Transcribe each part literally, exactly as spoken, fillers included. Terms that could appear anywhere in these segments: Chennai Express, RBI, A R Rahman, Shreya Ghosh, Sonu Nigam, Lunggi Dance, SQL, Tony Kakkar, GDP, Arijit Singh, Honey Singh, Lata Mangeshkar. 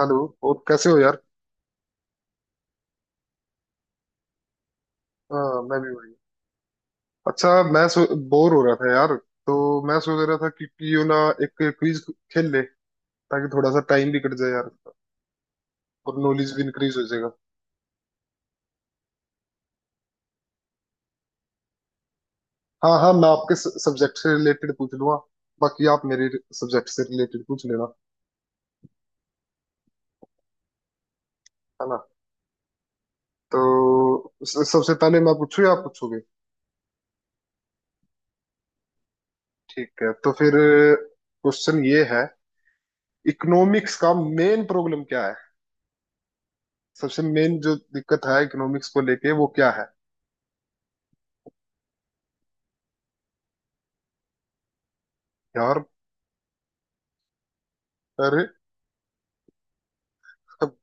Hello. और कैसे हो यार? हाँ, मैं भी बढ़िया। अच्छा, मैं सो बोर हो रहा था यार। तो मैं सोच रहा था कि क्यों ना एक क्विज खेल ले, ताकि थोड़ा सा टाइम भी कट जाए यार और नॉलेज भी इंक्रीज हो जाएगा। हाँ हाँ मैं आपके सब्जेक्ट से रिलेटेड पूछ लूंगा, बाकी आप मेरे सब्जेक्ट से रिलेटेड पूछ लेना। है ना? तो स- सबसे पहले मैं पूछूं या आप पूछोगे? ठीक है, तो फिर क्वेश्चन ये है, इकोनॉमिक्स का मेन प्रॉब्लम क्या है? सबसे मेन जो दिक्कत है इकोनॉमिक्स को लेके वो क्या है यार? तब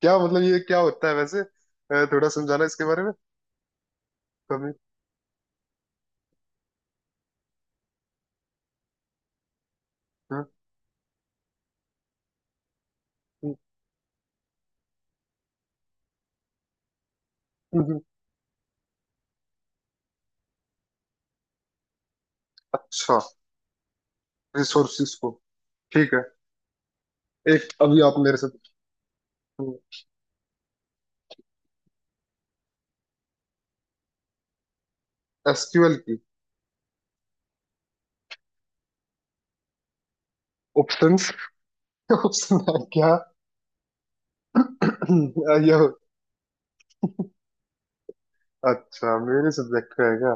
क्या मतलब, ये क्या होता है वैसे, अ, थोड़ा समझाना इसके बारे में कभी। हाँ। हम्म। हम्म। हम्म। अच्छा, रिसोर्सिस को, ठीक है। एक अभी आप मेरे साथ। हम्म। एस क्यू एल की ऑप्शंस, ऑप्शन है क्या? अ, ये हो- अच्छा, मेरे सब्जेक्ट का है क्या?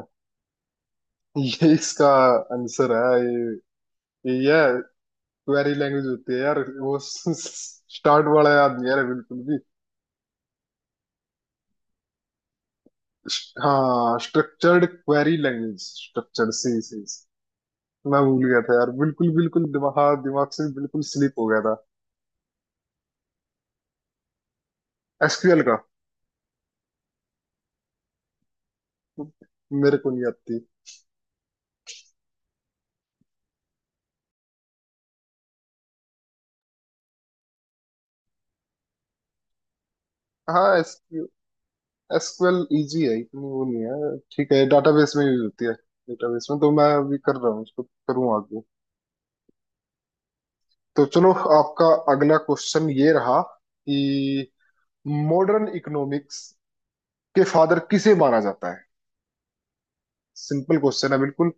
ये इसका आंसर है, ये ये है क्वेरी लैंग्वेज होती है यार वो। स्टार्ट वाला याद नहीं यार बिल्कुल भी। हाँ, स्ट्रक्चर्ड क्वेरी लैंग्वेज, स्ट्रक्चर, सी सी। मैं भूल गया था यार, बिल्कुल बिल्कुल दिमाग, हाँ दिमाग से बिल्कुल स्लिप हो गया था। एस क्यू एल का? मेरे को नहीं आती। हाँ, SQ S Q L easy है, इतनी वो नहीं है, ठीक है, डाटाबेस में यूज होती है। डेटाबेस में तो मैं अभी कर रहा हूँ उसको, करूँ आगे। तो चलो, आपका अगला क्वेश्चन ये रहा कि मॉडर्न इकोनॉमिक्स के फादर किसे माना जाता है। सिंपल क्वेश्चन है बिल्कुल।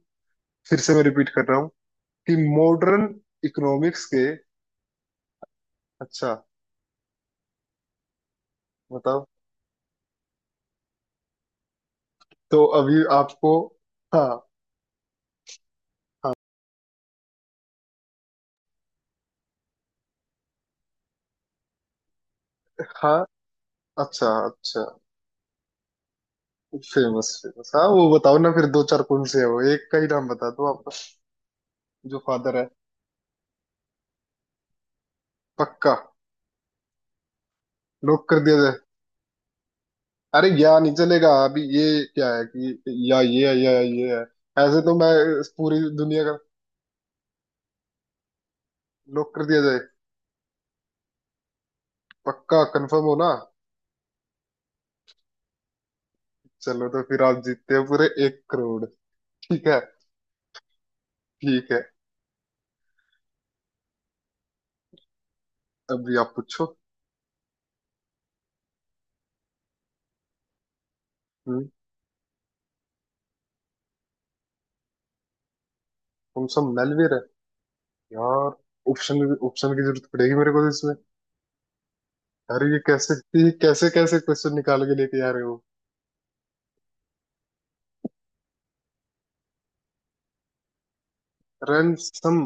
फिर से मैं रिपीट कर रहा हूँ कि मॉडर्न इकोनॉमिक्स के। अच्छा, बताओ तो अभी आपको। हाँ। हाँ। अच्छा अच्छा। फेमस फेमस, हाँ वो बताओ ना फिर। दो चार कौन से है वो? एक का ही नाम बता दो आप, जो फादर है। पक्का? लॉक कर दिया जाए? अरे या नहीं चलेगा अभी ये। क्या है कि या ये है या ये है, ऐसे तो मैं। इस पूरी दुनिया का लॉक कर दिया जाए। पक्का कंफर्म हो ना? चलो तो फिर आप जीतते हैं पूरे एक करोड़। ठीक है। ठीक है, अभी आप पूछो। हम्म। कौन सा मेलवेयर है यार? ऑप्शन, ऑप्शन की जरूरत पड़ेगी मेरे को तो। अरे ये कैसे, ये कैसे कैसे क्वेश्चन निकाल के लेके आ रहे हो? रैनसम?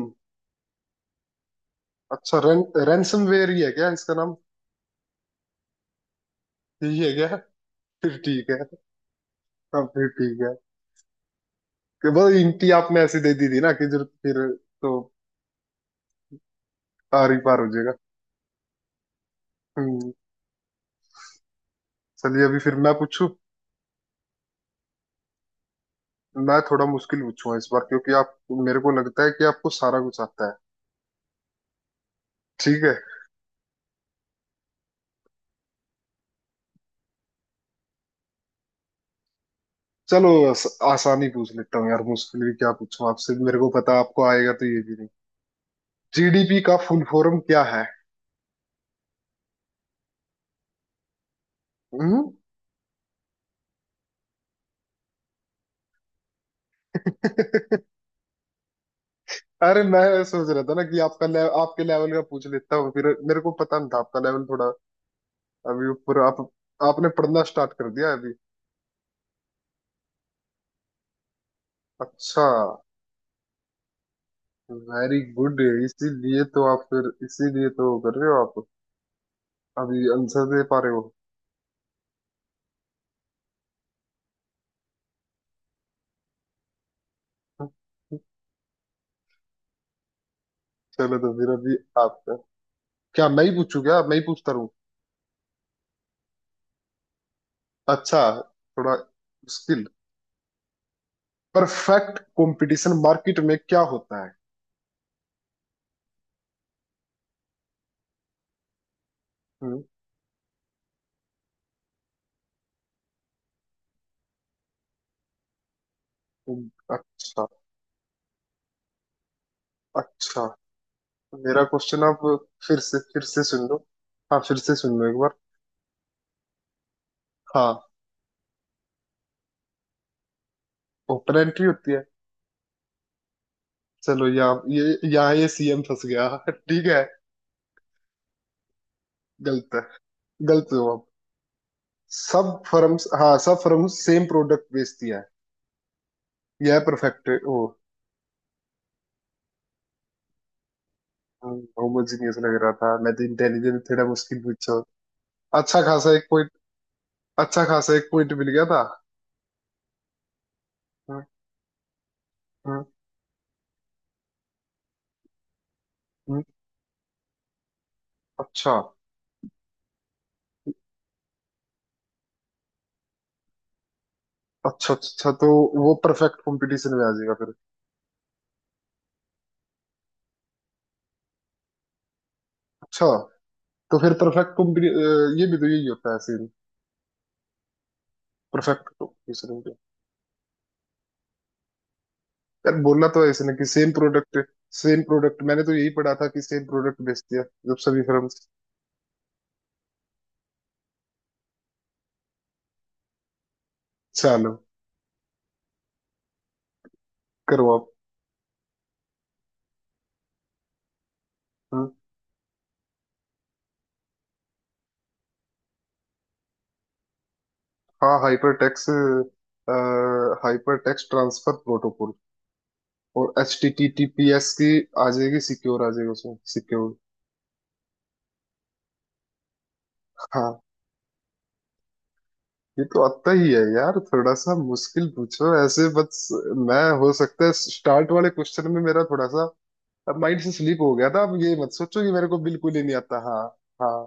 अच्छा, रैन रैनसमवेयर ही है क्या इसका नाम? यही है क्या? फिर ठीक है। हाँ फिर ठीक है। कि बस इंटी आपने ऐसी दे दी थी ना कि जरूर फिर तो पार ही पार हो जाएगा। हम्म। चलिए, अभी फिर मैं पूछूं। मैं थोड़ा मुश्किल पूछूंगा इस बार, क्योंकि आप, मेरे को लगता है कि आपको सारा कुछ आता है। ठीक है, चलो आस, आसानी पूछ लेता हूँ यार। मुश्किल भी क्या पूछूं आपसे, मेरे को पता आपको आएगा, तो ये भी नहीं। जी डी पी का फुल फॉर्म क्या है? हम्म। अरे मैं सोच रहा था ना कि आपका ले, आपके लेवल का पूछ लेता हूँ, फिर मेरे को पता नहीं था आपका लेवल थोड़ा अभी ऊपर। आप, आपने पढ़ना स्टार्ट कर दिया अभी? अच्छा, वेरी गुड, इसीलिए तो आप फिर, इसीलिए तो वो कर रहे हो आप, अभी आंसर दे पा रहे हो। चलो तो फिर अभी आपका, क्या मैं ही पूछूं, क्या मैं ही पूछता रहूं? अच्छा, थोड़ा मुश्किल। परफेक्ट कंपटीशन मार्केट में क्या होता है? हम्म। अच्छा अच्छा। मेरा क्वेश्चन आप फिर से फिर से सुन लो। हाँ, फिर से सुन लो एक बार। हाँ, ओपन एंट्री होती है? चलो, यहाँ ये यहाँ ये सी एम फंस गया। ठीक है। गलत है, गलत हो आप। सब फर्म्स, हाँ सब फर्म्स सेम प्रोडक्ट बेचती हैं, यह परफेक्ट। ओ, होमोजीनियस लग रहा था, मैं तो इंटेलिजेंट थोड़ा मुश्किल पूछा। अच्छा खासा एक पॉइंट, अच्छा खासा एक पॉइंट मिल गया था। हम्म। हम्म। हम्म। अच्छा अच्छा अच्छा अच्छा, तो वो परफेक्ट कंपटीशन में आ जाएगा फिर। अच्छा, तो फिर परफेक्ट तुम भी- अ, ये भी तो यही होता है सेम, परफेक्ट कंपटीशन। यार बोलना तो ऐसे ना कि सेम प्रोडक्ट, सेम प्रोडक्ट। मैंने तो यही पढ़ा था कि सेम प्रोडक्ट बेच दिया जब सभी फर्म। चलो, करो आप। हम्म। हाँ, hyper text hyper text transfer protocol. और H T T T P S की आ जाएगी सिक्योर, आ जाएगी उसमें सिक्योर। हाँ, ये तो आता ही है यार, थोड़ा सा मुश्किल पूछो ऐसे बस। मैं, हो सकता है स्टार्ट वाले क्वेश्चन में मेरा थोड़ा सा, अब माइंड से स्लिप हो गया था, अब ये मत सोचो कि मेरे को बिल्कुल ही नहीं आता। हाँ। हाँ,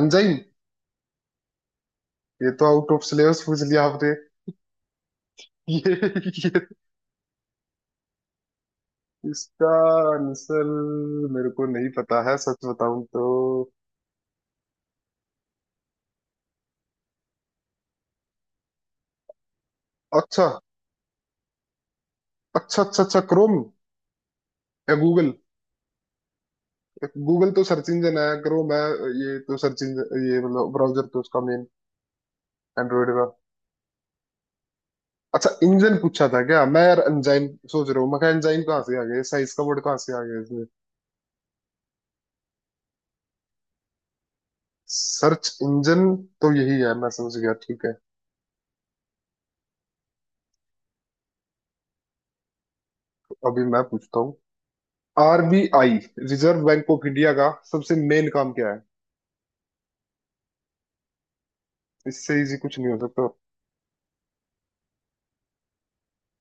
अंजाइन? ये तो आउट ऑफ सिलेबस पूछ लिया आपने। ये ये इसका आंसर मेरे को नहीं पता है, सच बताऊं तो। अच्छा अच्छा अच्छा अच्छा, क्रोम या गूगल? गूगल तो सर्च इंजन है, क्रोम है, ये तो सर्च इंजन, ये मतलब ब्राउजर तो उसका मेन, एंड्रॉइड का। अच्छा, इंजन पूछा था क्या? मैं यार एंजाइन सोच रहा हूँ, मैं एंजाइन कहाँ से आ गया, साइज का वर्ड कहाँ से आ गया। सर्च इंजन तो यही है, मैं समझ गया, ठीक है। तो अभी मैं पूछता हूँ, R B I, reserve Bank of India का सबसे मेन काम क्या है? इससे इजी कुछ नहीं हो सकता।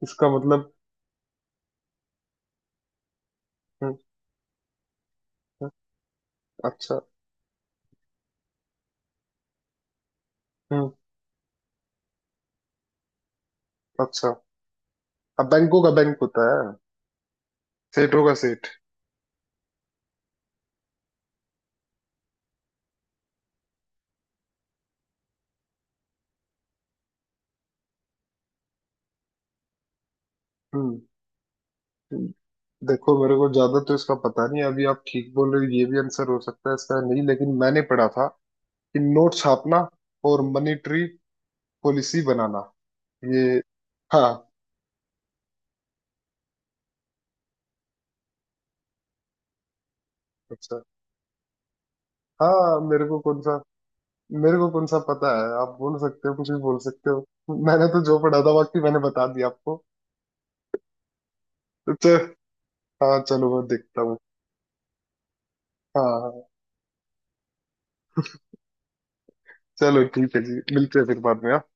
इसका मतलब? हम्म। हम्म। अच्छा। हम्म। अच्छा, अब बैंकों का बैंक होता है, सेठों का सेठ। हम्म। हम्म। देखो, मेरे को ज्यादा तो इसका पता नहीं है, अभी आप ठीक बोल रहे हो, ये भी आंसर हो सकता है इसका, नहीं लेकिन मैंने पढ़ा था कि नोट छापना और मॉनेटरी पॉलिसी बनाना, ये। हाँ। अच्छा। हाँ, मेरे को कौन सा मेरे को कौन सा पता है, आप बोल सकते हो, कुछ भी बोल सकते हो। मैंने तो जो पढ़ा था बाकी मैंने बता दिया आपको। तो च- हाँ चलो मैं देखता हूँ। हाँ हाँ, हाँ। चलो ठीक है जी, मिलते हैं फिर बाद में, हाँ?